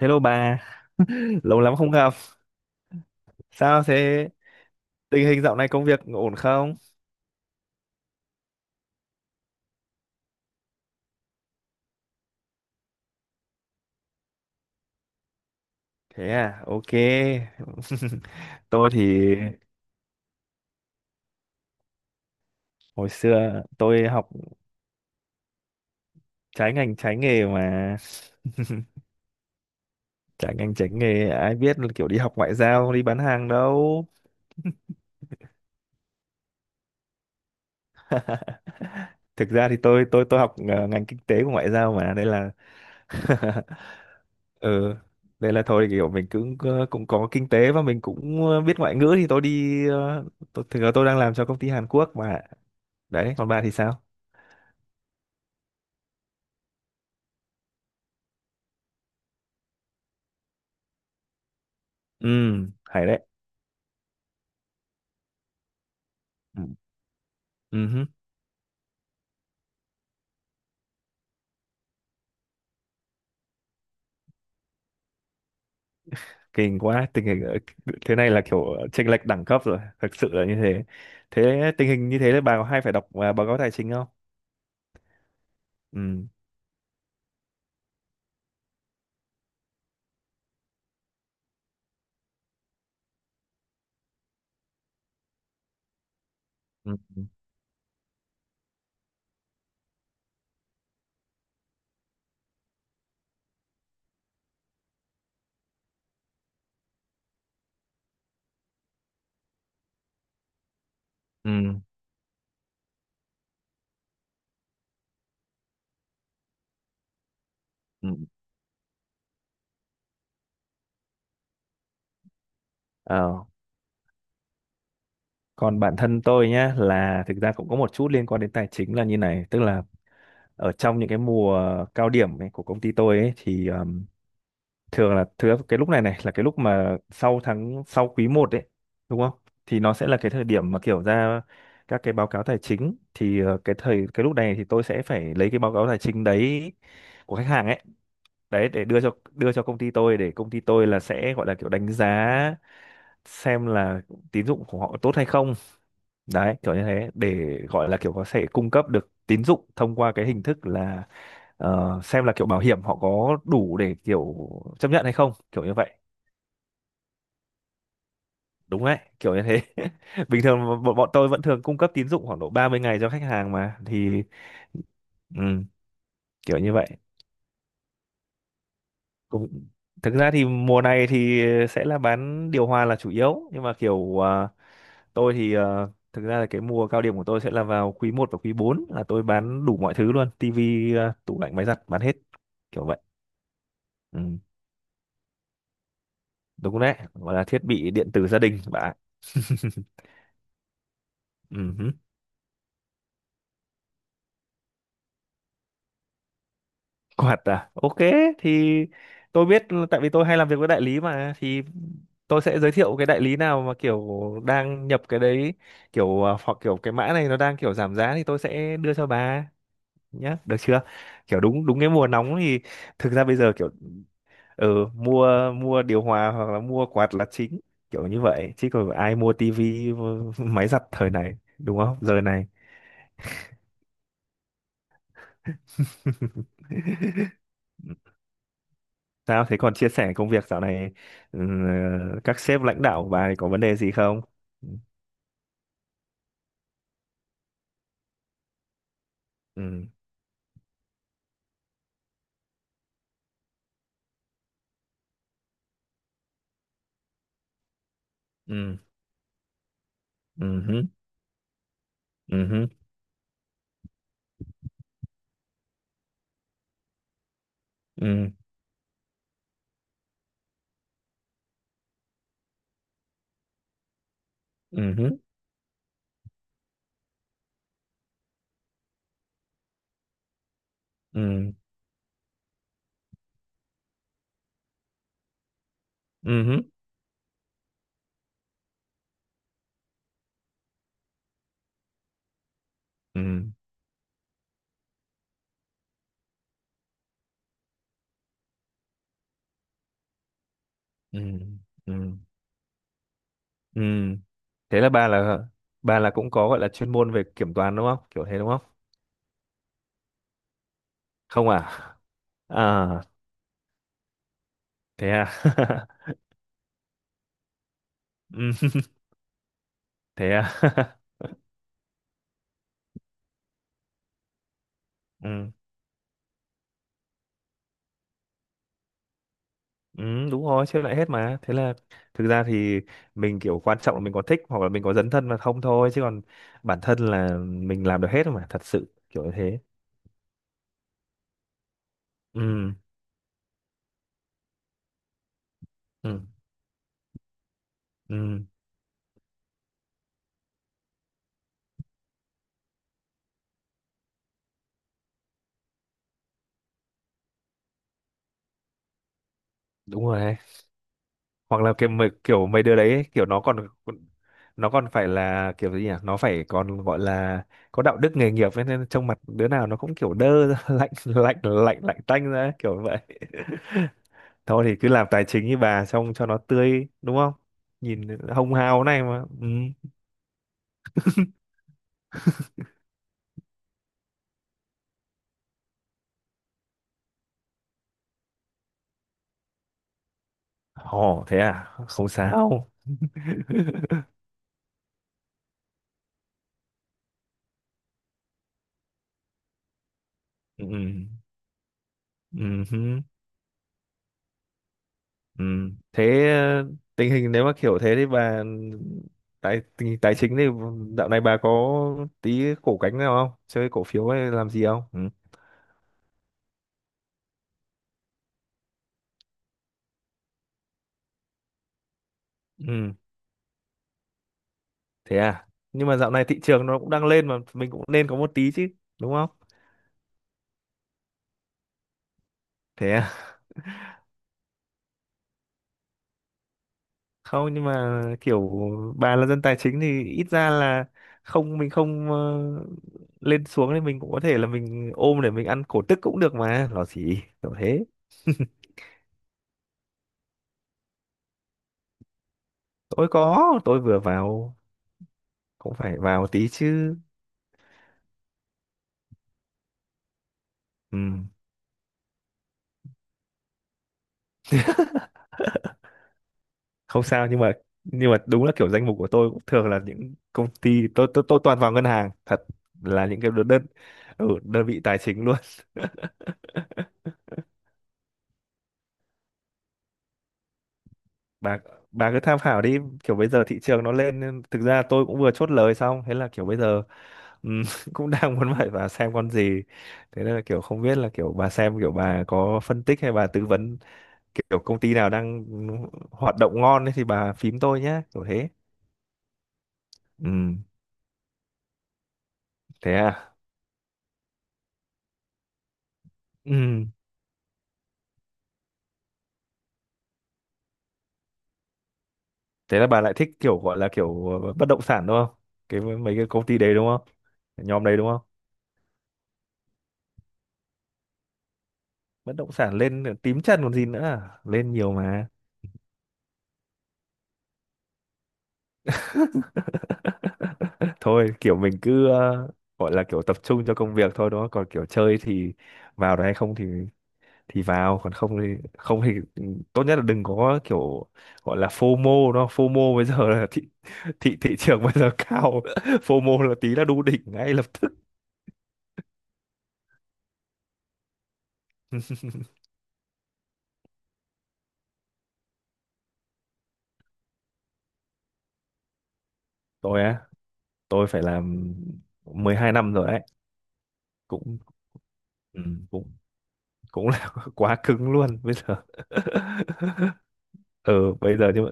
Hello bà, lâu lắm không gặp. Sao thế? Tình hình dạo này công việc ổn không? Thế à, ok. Tôi thì hồi xưa tôi học trái ngành trái nghề mà. Trái ngành trái nghề ai biết là kiểu đi học ngoại giao, đi bán hàng đâu. Thực ra thì tôi học ngành kinh tế của ngoại giao mà, đây là ừ, đây là thôi kiểu mình cũng cũng có kinh tế và mình cũng biết ngoại ngữ thì tôi đi thực ra tôi đang làm cho công ty Hàn Quốc mà. Đấy, còn bà thì sao? Ừ, hay đấy. Ừ. Ừ hứ, kinh quá tình hình thế này là kiểu chênh lệch đẳng cấp rồi, thực sự là như thế. Thế tình hình như thế là bà có hay phải đọc báo cáo tài chính không? Ừ, ừ, ừ, ừ. Ừ. Ờ, còn bản thân tôi nhá là thực ra cũng có một chút liên quan đến tài chính là như này, tức là ở trong những cái mùa cao điểm ấy, của công ty tôi ấy, thì thường là thứ cái lúc này này là cái lúc mà sau tháng sau quý 1 đấy, đúng không? Thì nó sẽ là cái thời điểm mà kiểu ra các cái báo cáo tài chính thì cái lúc này thì tôi sẽ phải lấy cái báo cáo tài chính đấy của khách hàng ấy, đấy để đưa cho công ty tôi để công ty tôi là sẽ gọi là kiểu đánh giá xem là tín dụng của họ tốt hay không, đấy kiểu như thế để gọi là kiểu có thể cung cấp được tín dụng thông qua cái hình thức là xem là kiểu bảo hiểm họ có đủ để kiểu chấp nhận hay không, kiểu như vậy, đúng đấy kiểu như thế. Bình thường bọn bọn tôi vẫn thường cung cấp tín dụng khoảng độ 30 ngày cho khách hàng mà thì ừ, kiểu như vậy. Cũng thực ra thì mùa này thì sẽ là bán điều hòa là chủ yếu, nhưng mà kiểu tôi thì thực ra là cái mùa cao điểm của tôi sẽ là vào quý 1 và quý 4 là tôi bán đủ mọi thứ luôn, tivi tủ lạnh, máy giặt bán hết, kiểu vậy. Ừ, đúng đấy, gọi là thiết bị điện tử gia đình bạn. Ừ. Quạt à? Ok, thì tôi biết tại vì tôi hay làm việc với đại lý mà, thì tôi sẽ giới thiệu cái đại lý nào mà kiểu đang nhập cái đấy kiểu hoặc kiểu cái mã này nó đang kiểu giảm giá thì tôi sẽ đưa cho bà nhá, được chưa? Kiểu đúng, đúng cái mùa nóng thì thực ra bây giờ kiểu mua mua điều hòa hoặc là mua quạt là chính, kiểu như vậy, chứ còn ai mua tivi, mua máy giặt thời này, đúng không? Giờ này. Sao thế, còn chia sẻ công việc dạo này ừ, các sếp lãnh đạo của bà thì có vấn đề gì không? Ừ, ừ, ừ, ừ hứ, ừ hứ, ừ, ừ, ừ, ừ, ừ, ừ, ừ, ừ. Thế là bà là cũng có gọi là chuyên môn về kiểm toán, đúng không? Kiểu thế, đúng không? Không à? À, thế à. Ừ, thế à. Ừ. Ừ, đúng rồi, xếp lại hết mà. Thế là thực ra thì mình kiểu quan trọng là mình có thích hoặc là mình có dấn thân mà không thôi, chứ còn bản thân là mình làm được hết mà, thật sự kiểu như thế. Ừ, ừ, ừ, đúng rồi đấy. Hoặc là kiểu mấy đứa đấy ấy, kiểu nó còn phải là kiểu gì nhỉ? Nó phải còn gọi là có đạo đức nghề nghiệp ấy, nên trong mặt đứa nào nó cũng kiểu đơ ra, lạnh lạnh lạnh lạnh tanh ra ấy, kiểu vậy. Thôi thì cứ làm tài chính như bà xong cho nó tươi, đúng không? Nhìn hồng hào này mà. Ừ. Ồ, thế à? Không sao. Ừ. Ừ. Hứ, ừ. Thế tình hình nếu mà kiểu thế thì bà tình hình tài chính thì dạo này bà có tí cổ cánh nào không? Chơi cổ phiếu hay làm gì không? Ừ. Ừ. Thế à? Nhưng mà dạo này thị trường nó cũng đang lên mà mình cũng nên có một tí chứ, đúng không? Thế à? Không, nhưng mà kiểu bà là dân tài chính thì ít ra là không, mình không lên xuống thì mình cũng có thể là mình ôm để mình ăn cổ tức cũng được mà, nó gì kiểu thế. Tôi tôi vừa vào, cũng phải vào tí chứ, ừ, không sao, nhưng mà đúng là kiểu danh mục của tôi cũng thường là những công ty tôi toàn vào ngân hàng thật, là những cái đơn đơn, ừ, đơn vị tài chính luôn. bà bà cứ tham khảo đi, kiểu bây giờ thị trường nó lên nên thực ra tôi cũng vừa chốt lời xong, thế là kiểu bây giờ ừ, cũng đang muốn hỏi bà xem con gì, thế nên là kiểu không biết là kiểu bà xem, kiểu bà có phân tích hay bà tư vấn kiểu công ty nào đang hoạt động ngon ấy thì bà phím tôi nhé, kiểu thế. Ừ, thế à, ừ, thế là bà lại thích kiểu gọi là kiểu bất động sản đúng không, cái mấy cái công ty đấy đúng không, nhóm đấy đúng không? Bất động sản lên tím chân còn gì nữa à? Lên nhiều mà. Thôi kiểu mình cứ gọi là kiểu tập trung cho công việc thôi, đúng không, còn kiểu chơi thì vào được hay không thì vào, còn không thì không thì tốt nhất là đừng có kiểu gọi là FOMO, nó FOMO bây giờ là thị thị thị trường bây giờ cao, FOMO là tí là đu đỉnh ngay lập tức. Tôi á, tôi phải làm 12 năm rồi đấy, cũng ừ, cũng cũng là quá cứng luôn bây giờ. Ừ, bây giờ nhưng mà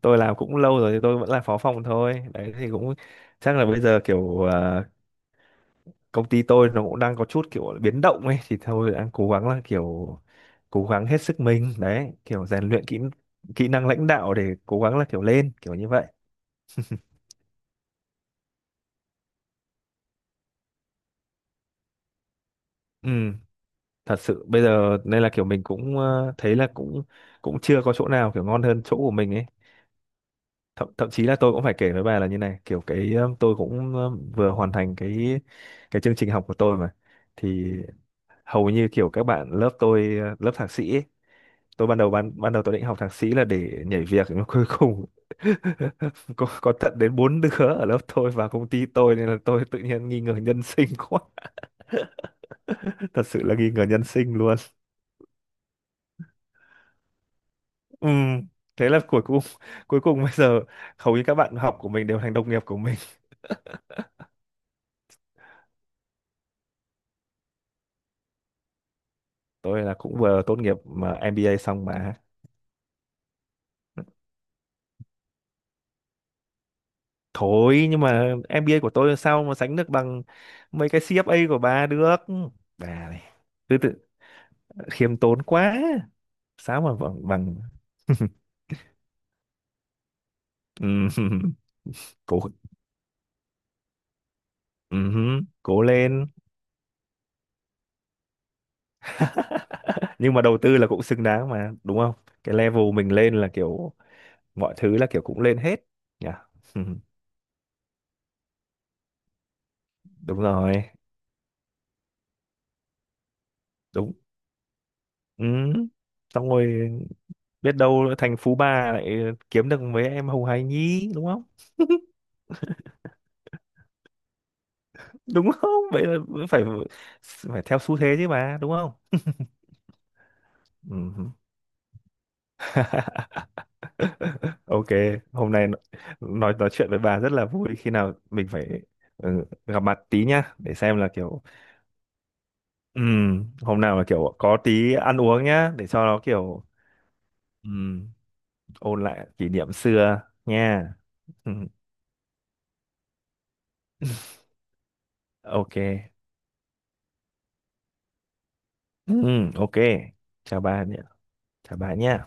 tôi làm cũng lâu rồi thì tôi vẫn là phó phòng thôi đấy, thì cũng chắc là bây giờ kiểu công ty tôi nó cũng đang có chút kiểu biến động ấy thì thôi đang cố gắng là kiểu cố gắng hết sức mình đấy, kiểu rèn luyện kỹ kỹ năng lãnh đạo để cố gắng là kiểu lên, kiểu như vậy. Ừ, thật sự bây giờ nên là kiểu mình cũng thấy là cũng cũng chưa có chỗ nào kiểu ngon hơn chỗ của mình ấy. Thậm thậm chí là tôi cũng phải kể với bà là như này, kiểu cái tôi cũng vừa hoàn thành cái chương trình học của tôi mà, thì hầu như kiểu các bạn lớp tôi lớp thạc sĩ ấy, tôi ban đầu ban ban đầu tôi định học thạc sĩ là để nhảy việc nhưng mà cuối cùng có tận đến bốn đứa ở lớp tôi và công ty tôi, nên là tôi tự nhiên nghi ngờ nhân sinh quá, thật sự là nghi ngờ nhân sinh luôn. Ừ. Thế là cuối cùng cuối cùng bây giờ hầu như các bạn học của mình đều thành đồng nghiệp của mình. Tôi là cũng vừa tốt nghiệp mà MBA xong mà, thôi nhưng mà MBA của tôi sao mà sánh được bằng mấy cái CFA của bà được. Bà này cứ tự khiêm tốn quá, sáu mà bằng bằng. Ừm, cố, cố lên, nhưng mà đầu tư là cũng xứng đáng mà, đúng không? Cái level mình lên là kiểu mọi thứ là kiểu cũng lên hết nhỉ. Ừm, đúng rồi. Đúng. Ừm, xong rồi biết đâu thành phú bà lại kiếm được mấy em hồng hài nhí, đúng không? Đúng không? Vậy là phải phải theo xu thế chứ mà, đúng không? Ừm. Ok, hôm nay nói chuyện với bà rất là vui, khi nào mình phải ừ, gặp mặt tí nhá để xem là kiểu hôm nào là kiểu có tí ăn uống nhá để cho nó kiểu ừm, ôn lại kỷ niệm xưa nha. Ừm, ok. Ok. Chào bà nhé. Chào bà nhé.